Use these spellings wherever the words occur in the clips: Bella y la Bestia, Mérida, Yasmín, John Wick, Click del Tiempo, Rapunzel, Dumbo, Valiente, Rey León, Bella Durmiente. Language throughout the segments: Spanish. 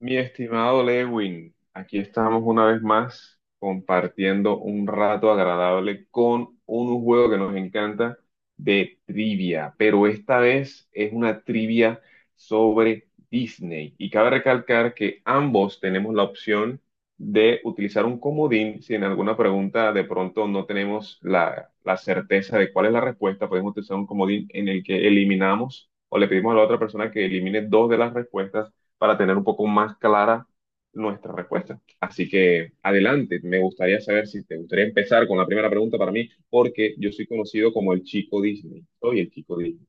Mi estimado Lewin, aquí estamos una vez más compartiendo un rato agradable con un juego que nos encanta de trivia, pero esta vez es una trivia sobre Disney. Y cabe recalcar que ambos tenemos la opción de utilizar un comodín si en alguna pregunta de pronto no tenemos la certeza de cuál es la respuesta, podemos utilizar un comodín en el que eliminamos o le pedimos a la otra persona que elimine dos de las respuestas para tener un poco más clara nuestra respuesta. Así que adelante, me gustaría saber si te gustaría empezar con la primera pregunta para mí, porque yo soy conocido como el chico Disney. Soy el chico Disney.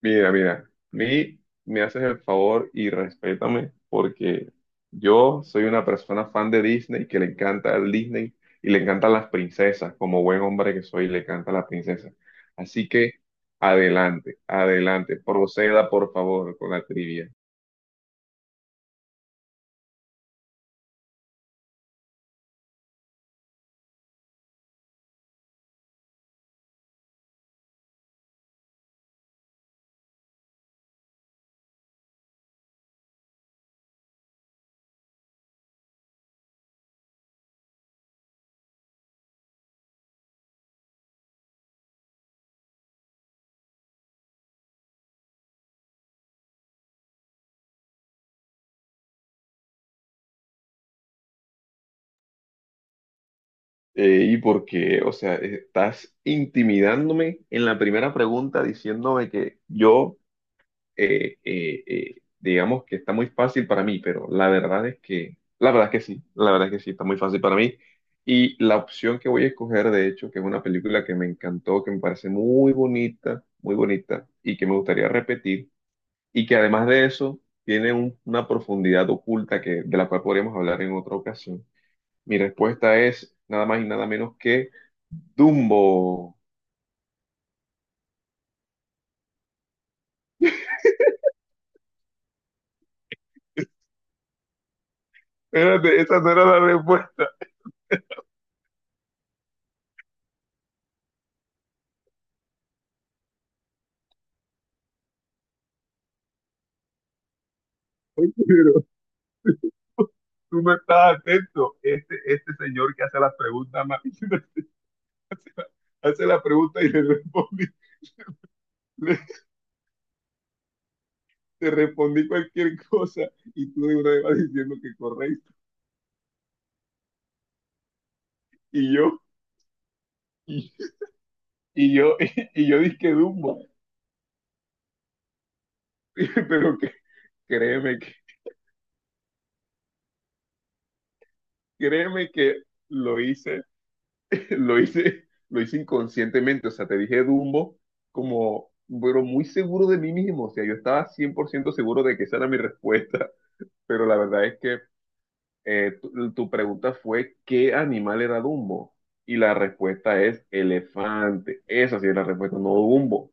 Mira, mira, me haces el favor y respétame, porque yo soy una persona fan de Disney que le encanta el Disney y le encantan las princesas. Como buen hombre que soy, le encanta las princesas. Así que adelante, adelante, proceda por favor con la trivia. Y porque, o sea, estás intimidándome en la primera pregunta diciéndome que yo, digamos que está muy fácil para mí, pero la verdad es que sí, la verdad es que sí, está muy fácil para mí. Y la opción que voy a escoger, de hecho, que es una película que me encantó, que me parece muy bonita, y que me gustaría repetir, y que además de eso tiene una profundidad oculta que, de la cual podríamos hablar en otra ocasión mi respuesta es nada más y nada menos que Dumbo. Espérate, esa no era la respuesta. Oye, pero tú no estás atento. Este señor que hace las preguntas, más- hace la, hace la pregunta y le respondí, le- te respondí cualquier cosa y tú de una vez vas diciendo que correcto. Y yo, y, y yo, yo dije Dumbo. Pero que, créeme que, créeme que lo hice lo hice inconscientemente, o sea, te dije Dumbo como, pero muy seguro de mí mismo, o sea, yo estaba 100% seguro de que esa era mi respuesta, pero la verdad es que tu pregunta fue ¿qué animal era Dumbo? Y la respuesta es elefante, esa sí es la respuesta, no Dumbo.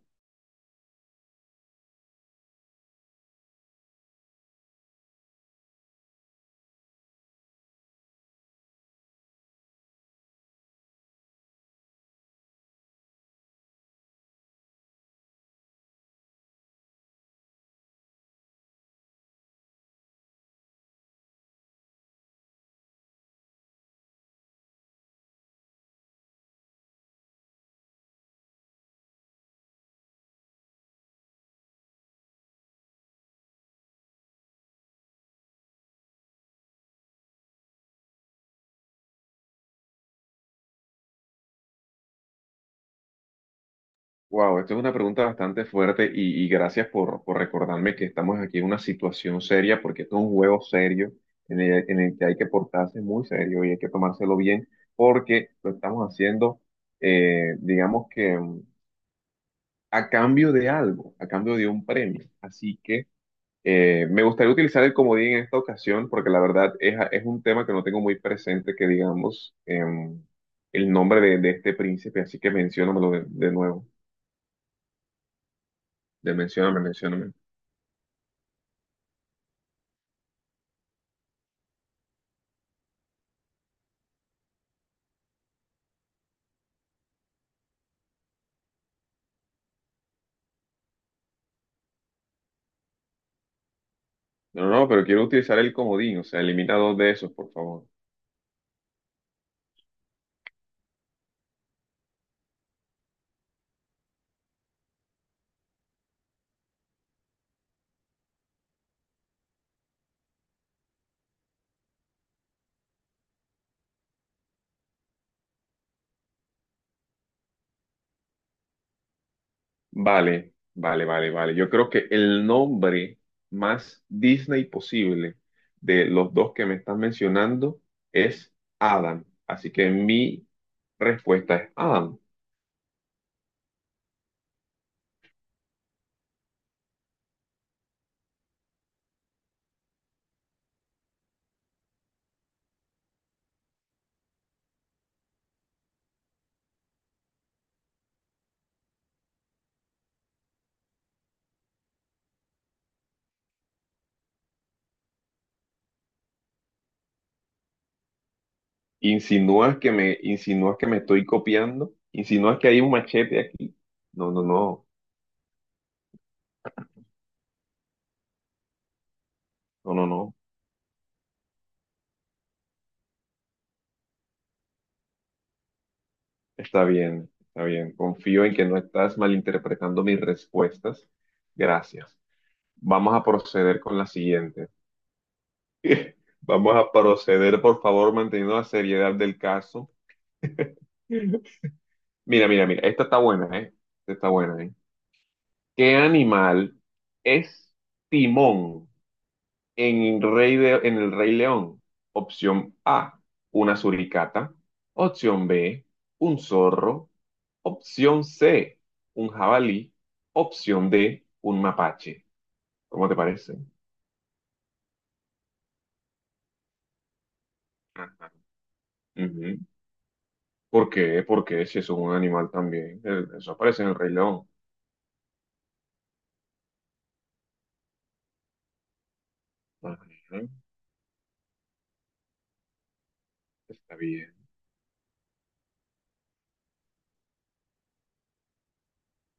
Wow, esto es una pregunta bastante fuerte y gracias por recordarme que estamos aquí en una situación seria porque esto es un juego serio en el que hay que portarse muy serio y hay que tomárselo bien porque lo estamos haciendo, digamos que a cambio de algo, a cambio de un premio. Así que me gustaría utilizar el comodín en esta ocasión porque la verdad es un tema que no tengo muy presente que digamos el nombre de este príncipe, así que menciónamelo de nuevo, de mencióname, mencióname. No, no, pero quiero utilizar el comodín, o sea, elimina dos de esos, por favor. Vale, vale, vale, vale. Yo creo que el nombre más Disney posible de los dos que me estás mencionando es Adam. Así que mi respuesta es Adam. Insinúas que me estoy copiando? ¿Insinúas que hay un machete aquí? No, no, no, no, no, no. Está bien, está bien. Confío en que no estás malinterpretando mis respuestas. Gracias. Vamos a proceder con la siguiente. Vamos a proceder, por favor, manteniendo la seriedad del caso. Mira, mira, mira, esta está buena, ¿eh? Esta está buena, ¿eh? ¿Qué animal es Timón en en el Rey León? Opción A, una suricata. Opción B, un zorro. Opción C, un jabalí. Opción D, un mapache. ¿Cómo te parece? Ajá. Ujú. ¿Por qué? Porque si es un animal también. Eso aparece en el Rey León. Ajá, está bien.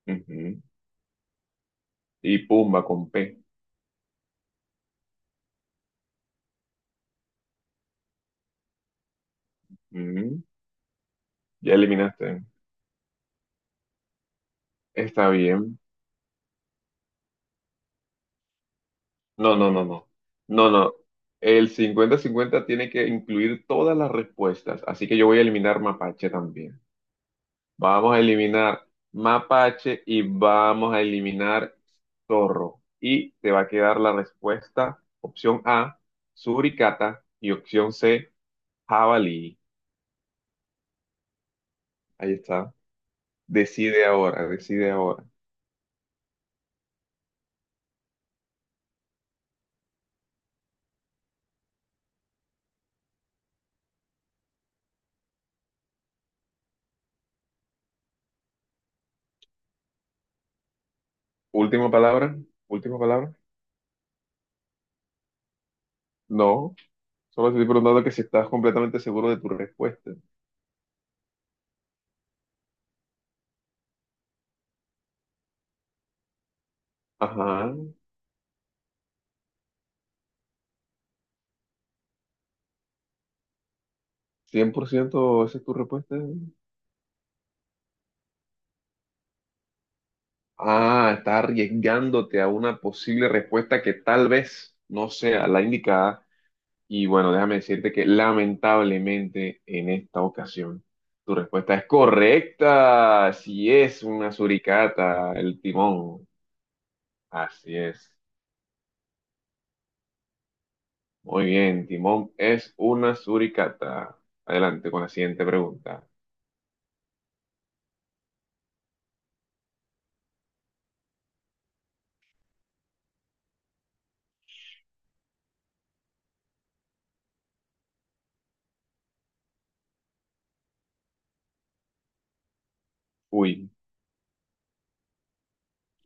Ujú. Y Pumba con P. Ujú. Ya eliminaste. Está bien. No, no, no, no. No, no. El 50-50 tiene que incluir todas las respuestas. Así que yo voy a eliminar Mapache también. Vamos a eliminar Mapache y vamos a eliminar Zorro. Y te va a quedar la respuesta, opción A, Suricata y opción C. Jabalí, ahí está. Decide ahora, decide ahora. Última palabra, última palabra. No, solo te estoy preguntando que si estás completamente seguro de tu respuesta. Ajá, 100%, esa es tu respuesta. Ah, estás arriesgándote a una posible respuesta que tal vez no sea la indicada. Y bueno, déjame decirte que lamentablemente en esta ocasión tu respuesta es correcta. Si es una suricata, el timón. Así es. Muy bien, Timón es una suricata. Adelante con la siguiente pregunta. Uy,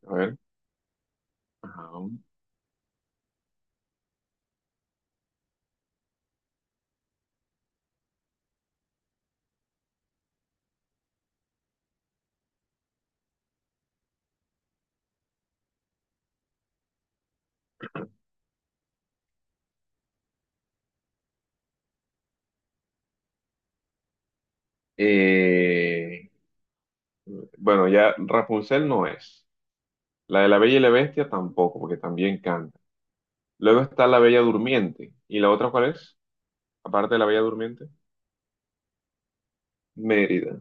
a ver. Ajá. Eh, bueno, ya Rapunzel no es. La de la Bella y la Bestia tampoco, porque también canta. Luego está la Bella Durmiente. ¿Y la otra cuál es? Aparte de la Bella Durmiente. Mérida.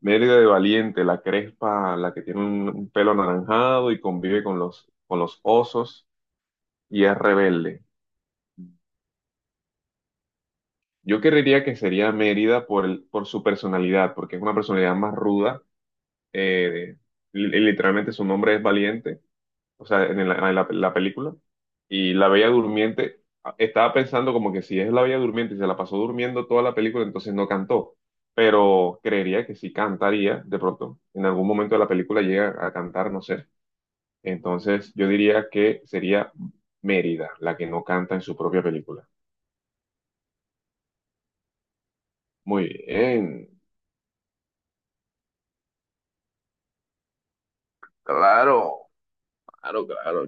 Mérida de Valiente, la crespa, la que tiene un pelo anaranjado y convive con los osos y es rebelde. Yo creería que sería Mérida por su personalidad, porque es una personalidad más ruda. eh, literalmente su nombre es Valiente, o sea, la película. Y la Bella Durmiente, ah, estaba pensando como que si es la Bella Durmiente y se la pasó durmiendo toda la película, entonces no cantó. Pero creería que sí cantaría de pronto. En algún momento de la película llega a cantar, no sé. Entonces yo diría que sería Mérida la que no canta en su propia película. Muy bien, claro. Claro, claro.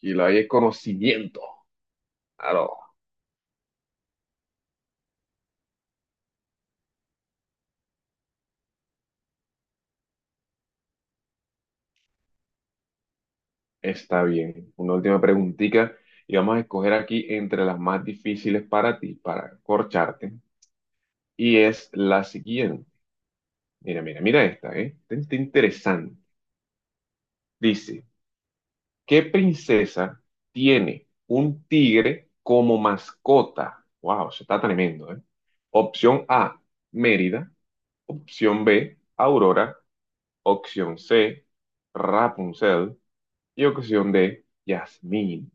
Y lo hay es conocimiento. Claro, está bien. Una última preguntita y vamos a escoger aquí entre las más difíciles para ti, para corcharte. Y es la siguiente. Mira, mira, mira esta, ¿eh? Esta está interesante. Dice, ¿qué princesa tiene un tigre como mascota? Wow, eso está tremendo, ¿eh? Opción A, Mérida. Opción B, Aurora. Opción C, Rapunzel. Y ocasión de Yasmín,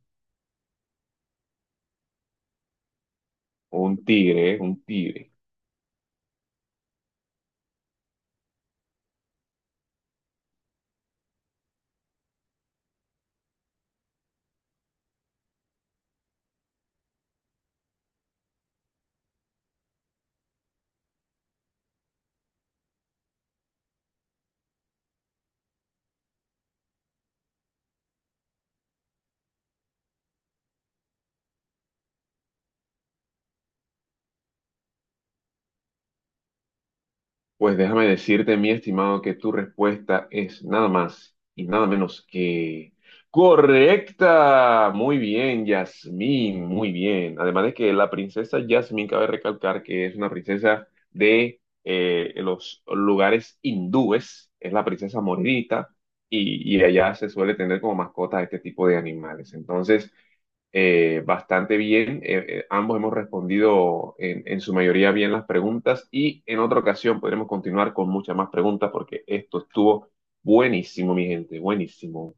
un tigre, ¿eh? Un tigre. Pues déjame decirte, mi estimado, que tu respuesta es nada más y nada menos que correcta. Muy bien, Yasmín, muy bien. Además de que la princesa Yasmín, cabe recalcar que es una princesa de los lugares hindúes, es la princesa moririta, y allá se suele tener como mascota a este tipo de animales. Entonces, bastante bien. Ambos hemos respondido en su mayoría bien las preguntas y en otra ocasión podremos continuar con muchas más preguntas porque esto estuvo buenísimo, mi gente, buenísimo.